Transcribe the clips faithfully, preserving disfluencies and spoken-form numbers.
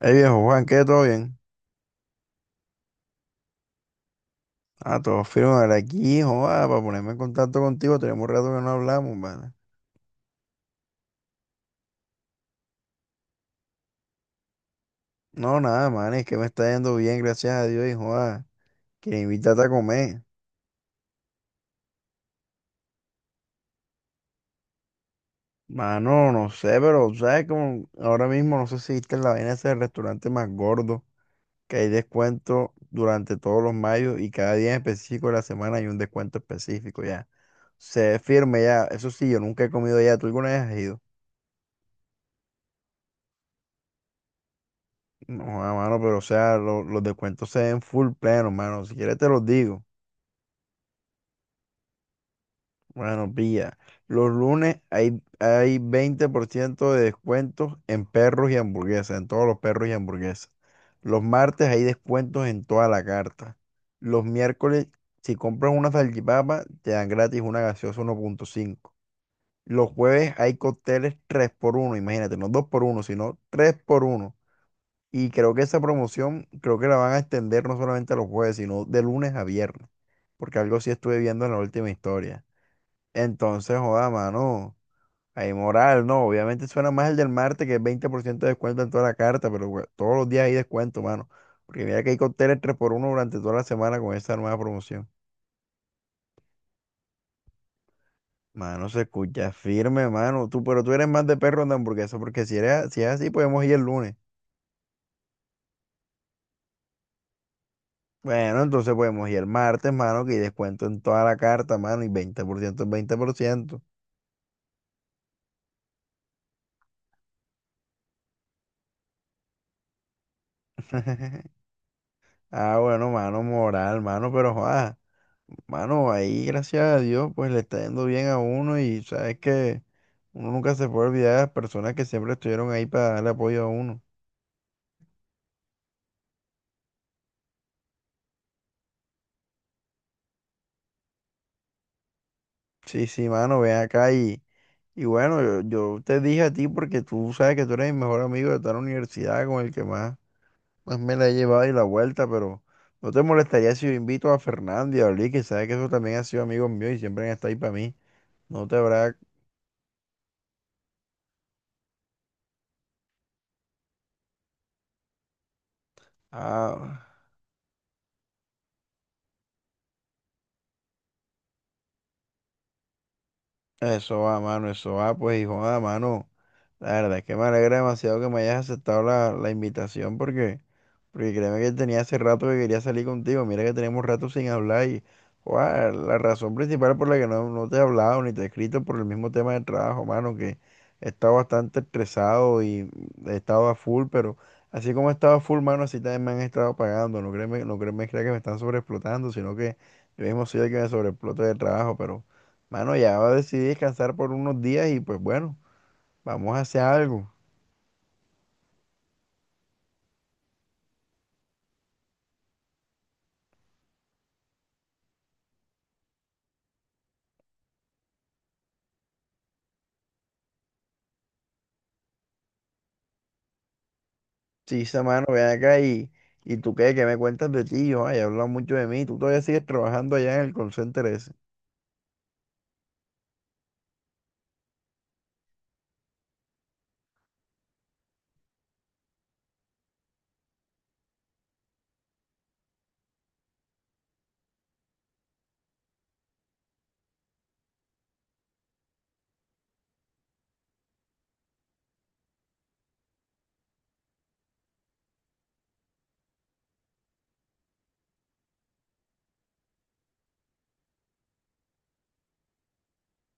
Hey viejo Juan, ¿qué? ¿Todo bien? Ah, todo firme ahora aquí, joda, para ponerme en contacto contigo, tenemos rato que no hablamos, man. No, nada, man, es que me está yendo bien, gracias a Dios, y joda, que invitarte a comer. Mano, no sé, pero sabes como ahora mismo no sé si viste la vaina ese del restaurante más gordo, que hay descuento durante todos los mayos y cada día en específico de la semana hay un descuento específico ya. Se firme ya, eso sí, yo nunca he comido ya, ¿tú alguna vez has ido? No, hermano, pero o sea, lo- los descuentos se ven full pleno, hermano. Si quieres te los digo. Bueno, pilla. Los lunes hay, hay veinte por ciento de descuentos en perros y hamburguesas, en todos los perros y hamburguesas. Los martes hay descuentos en toda la carta. Los miércoles, si compras una salchipapa, te dan gratis una gaseosa uno punto cinco. Los jueves hay cócteles tres por uno, imagínate, no dos por uno sino tres por uno. Y creo que esa promoción, creo que la van a extender no solamente a los jueves, sino de lunes a viernes, porque algo sí estuve viendo en la última historia. Entonces, joda, mano, hay moral, no, obviamente suena más el del martes, que es veinte por ciento de descuento en toda la carta, pero we- todos los días hay descuento, mano, porque mira que hay cócteles tres por uno durante toda la semana con esa nueva promoción. Mano, se escucha firme, mano, tú, pero tú eres más de perro de hamburguesa, porque si eres, si es así, podemos ir el lunes. Bueno, entonces podemos ir el martes, mano, que hay descuento en toda la carta, mano, y veinte por ciento es veinte por ciento. Ah, bueno, mano, moral, mano, pero joda, mano, ahí, gracias a Dios, pues le está yendo bien a uno y sabes que uno nunca se puede olvidar de las personas que siempre estuvieron ahí para darle apoyo a uno. Sí, sí, mano, ven acá y, y bueno, yo, yo te dije a ti porque tú sabes que tú eres mi mejor amigo de toda la universidad con el que más pues me la he llevado y la vuelta, pero no te molestaría si yo invito a Fernando y a Oli, que sabes que eso también ha sido amigos míos y siempre han estado ahí para mí. No te habrá. Ah, eso va, mano, eso va, pues, hijo, ah, mano. La verdad es que me alegra demasiado que me hayas aceptado la, la invitación porque. Porque créeme que tenía hace rato que quería salir contigo. Mira que tenemos rato sin hablar y guau, la razón principal por la que no, no te he hablado ni te he escrito por el mismo tema del trabajo, mano, que he estado bastante estresado y he estado a full, pero así como he estado a full, mano, así también me han estado pagando. No créeme, no créeme crea que me están sobreexplotando, sino que yo mismo soy el que me sobreexplota de trabajo, pero, mano, ya decidí descansar por unos días y pues bueno, vamos a hacer algo. Sí, esa mano, ven acá y, y tú qué, qué me cuentas de ti, yo, ay, he hablado mucho de mí, tú todavía sigues trabajando allá en el call center ese.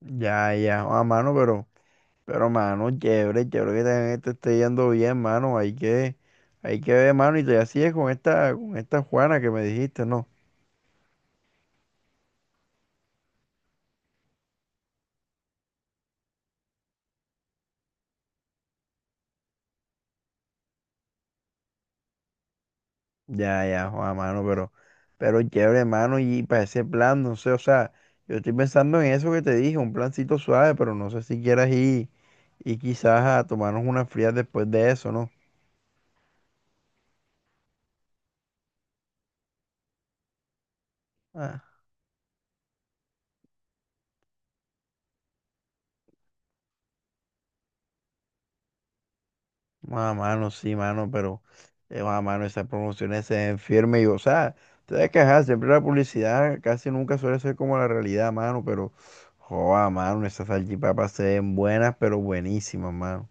Ya, ya, a mano, pero, pero, mano, chévere, chévere que también te esté yendo bien, mano, hay que, hay que ver, mano, y todavía sigues con esta, con esta Juana que me dijiste, ¿no? Ya, ya, a mano, pero, pero chévere, mano, y para ese plan, no sé, o sea, yo estoy pensando en eso que te dije, un plancito suave, pero no sé si quieras ir y quizás a tomarnos unas frías después de eso, ¿no? Ah, Ah, mano, sí, mano, pero, eh, ah, mano, esas promociones se ven firmes y, o sea, te das que quejar, siempre la publicidad casi nunca suele ser como la realidad, mano, pero, joda, mano, esas salchipapas se ven buenas, pero buenísimas, mano.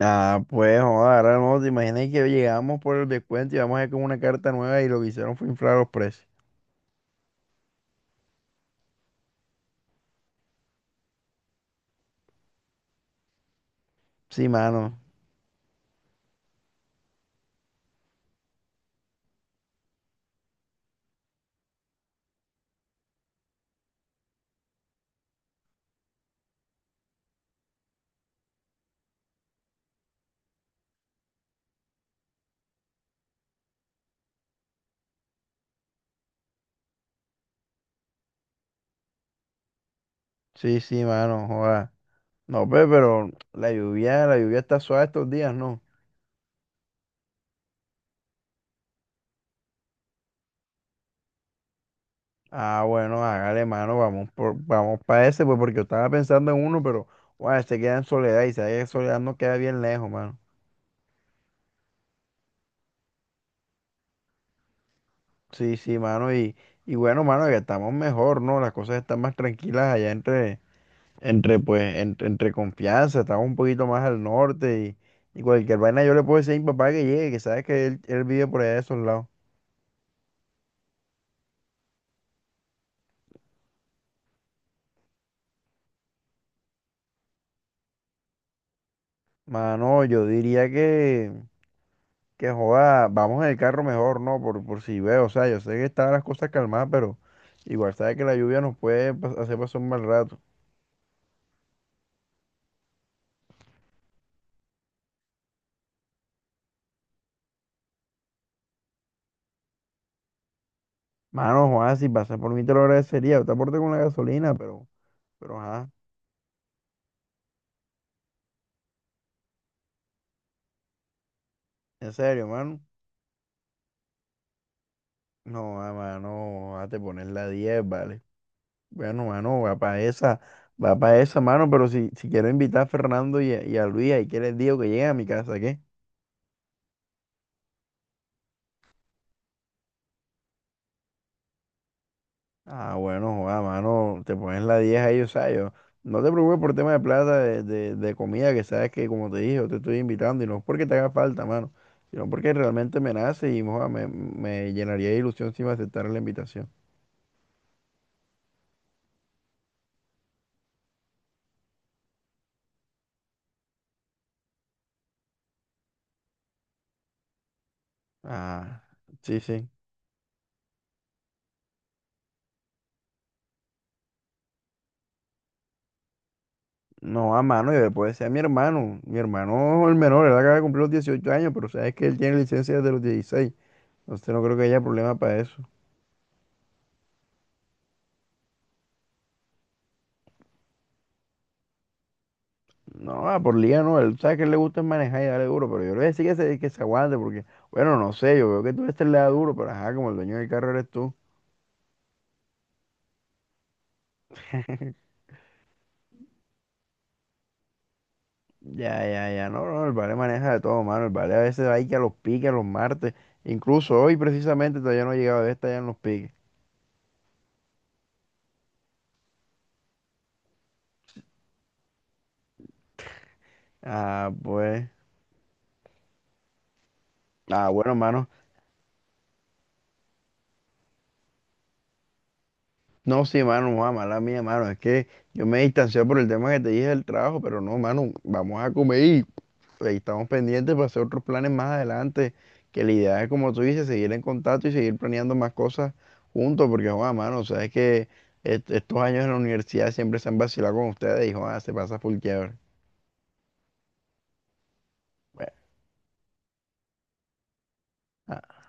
Ah, pues, joda, ahora no, te imaginas que llegamos por el descuento y vamos a ir con una carta nueva y lo que hicieron fue inflar los precios. Sí, mano, sí, sí, mano, joda. No, pues, pero la lluvia, la lluvia está suave estos días, ¿no? Ah, bueno, hágale, mano, vamos por, vamos para ese, pues, porque yo estaba pensando en uno, pero, bueno, se queda en Soledad y sabes que Soledad no queda bien lejos, mano. Sí, sí, mano, y, y bueno, mano, ya estamos mejor, ¿no? Las cosas están más tranquilas allá entre, entre, pues, entre, entre confianza, estamos un poquito más al norte y, y cualquier vaina yo le puedo decir a mi papá que llegue, que sabes que él, él vive por allá de esos lados. Mano, yo diría que... Que joda, vamos en el carro mejor, ¿no? Por, por si veo, o sea, yo sé que están las cosas calmadas, pero igual sabes que la lluvia nos puede pas- hacer pasar un mal rato. Mano, Juan, si pasas por mí te lo agradecería, yo te aporto con la gasolina, pero, pero, ajá, en serio, mano. No, ah, mano, a te pones la diez vale. Bueno, mano, va para esa, va para esa, mano, pero si, si quiero invitar a Fernando y a, y a Luis, ahí que les digo que lleguen a mi casa, ¿qué? Ah, bueno, joda, mano, te pones la diez ahí, o sea, yo, no te preocupes por tema de plata, de, de- de comida, que sabes que, como te dije, yo te estoy invitando y no es porque te haga falta, mano, sino porque realmente me nace y joda, me, me llenaría de ilusión si me aceptara la invitación. Ah, sí, sí. No, a mano, y después sea mi hermano. Mi hermano, el menor, él acaba de cumplir los dieciocho años, pero sabes que él tiene licencia desde los dieciséis, entonces no creo que haya problema para eso. No, ah, por liga no, él sabe que le gusta es manejar y darle duro, pero yo le voy a decir que se, que se aguante porque, bueno, no sé, yo veo que tú este le da duro, pero ajá, como el dueño del carro eres tú. Ya, ya, ya, no, no, el vale maneja de todo, mano, el vale a veces va ahí que a los piques, a los martes, incluso hoy precisamente todavía no ha llegado, está ya en los piques. Ah, pues, ah, bueno, mano, no, sí, mano, no, mala mía, mano, es que yo me distancié por el tema que te dije del trabajo, pero no, mano, vamos a comer y ahí estamos pendientes para hacer otros planes más adelante, que la idea es, como tú dices, seguir en contacto y seguir planeando más cosas juntos, porque, Juan, mano, sabes que est- estos años en la universidad siempre se han vacilado con ustedes y, Juan, se pasa full chévere. Bueno, ah,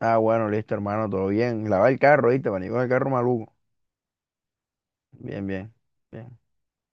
ah, bueno, listo, hermano, todo bien. Lava el carro, ¿viste? Venimos el carro maluco. Bien, bien. bien.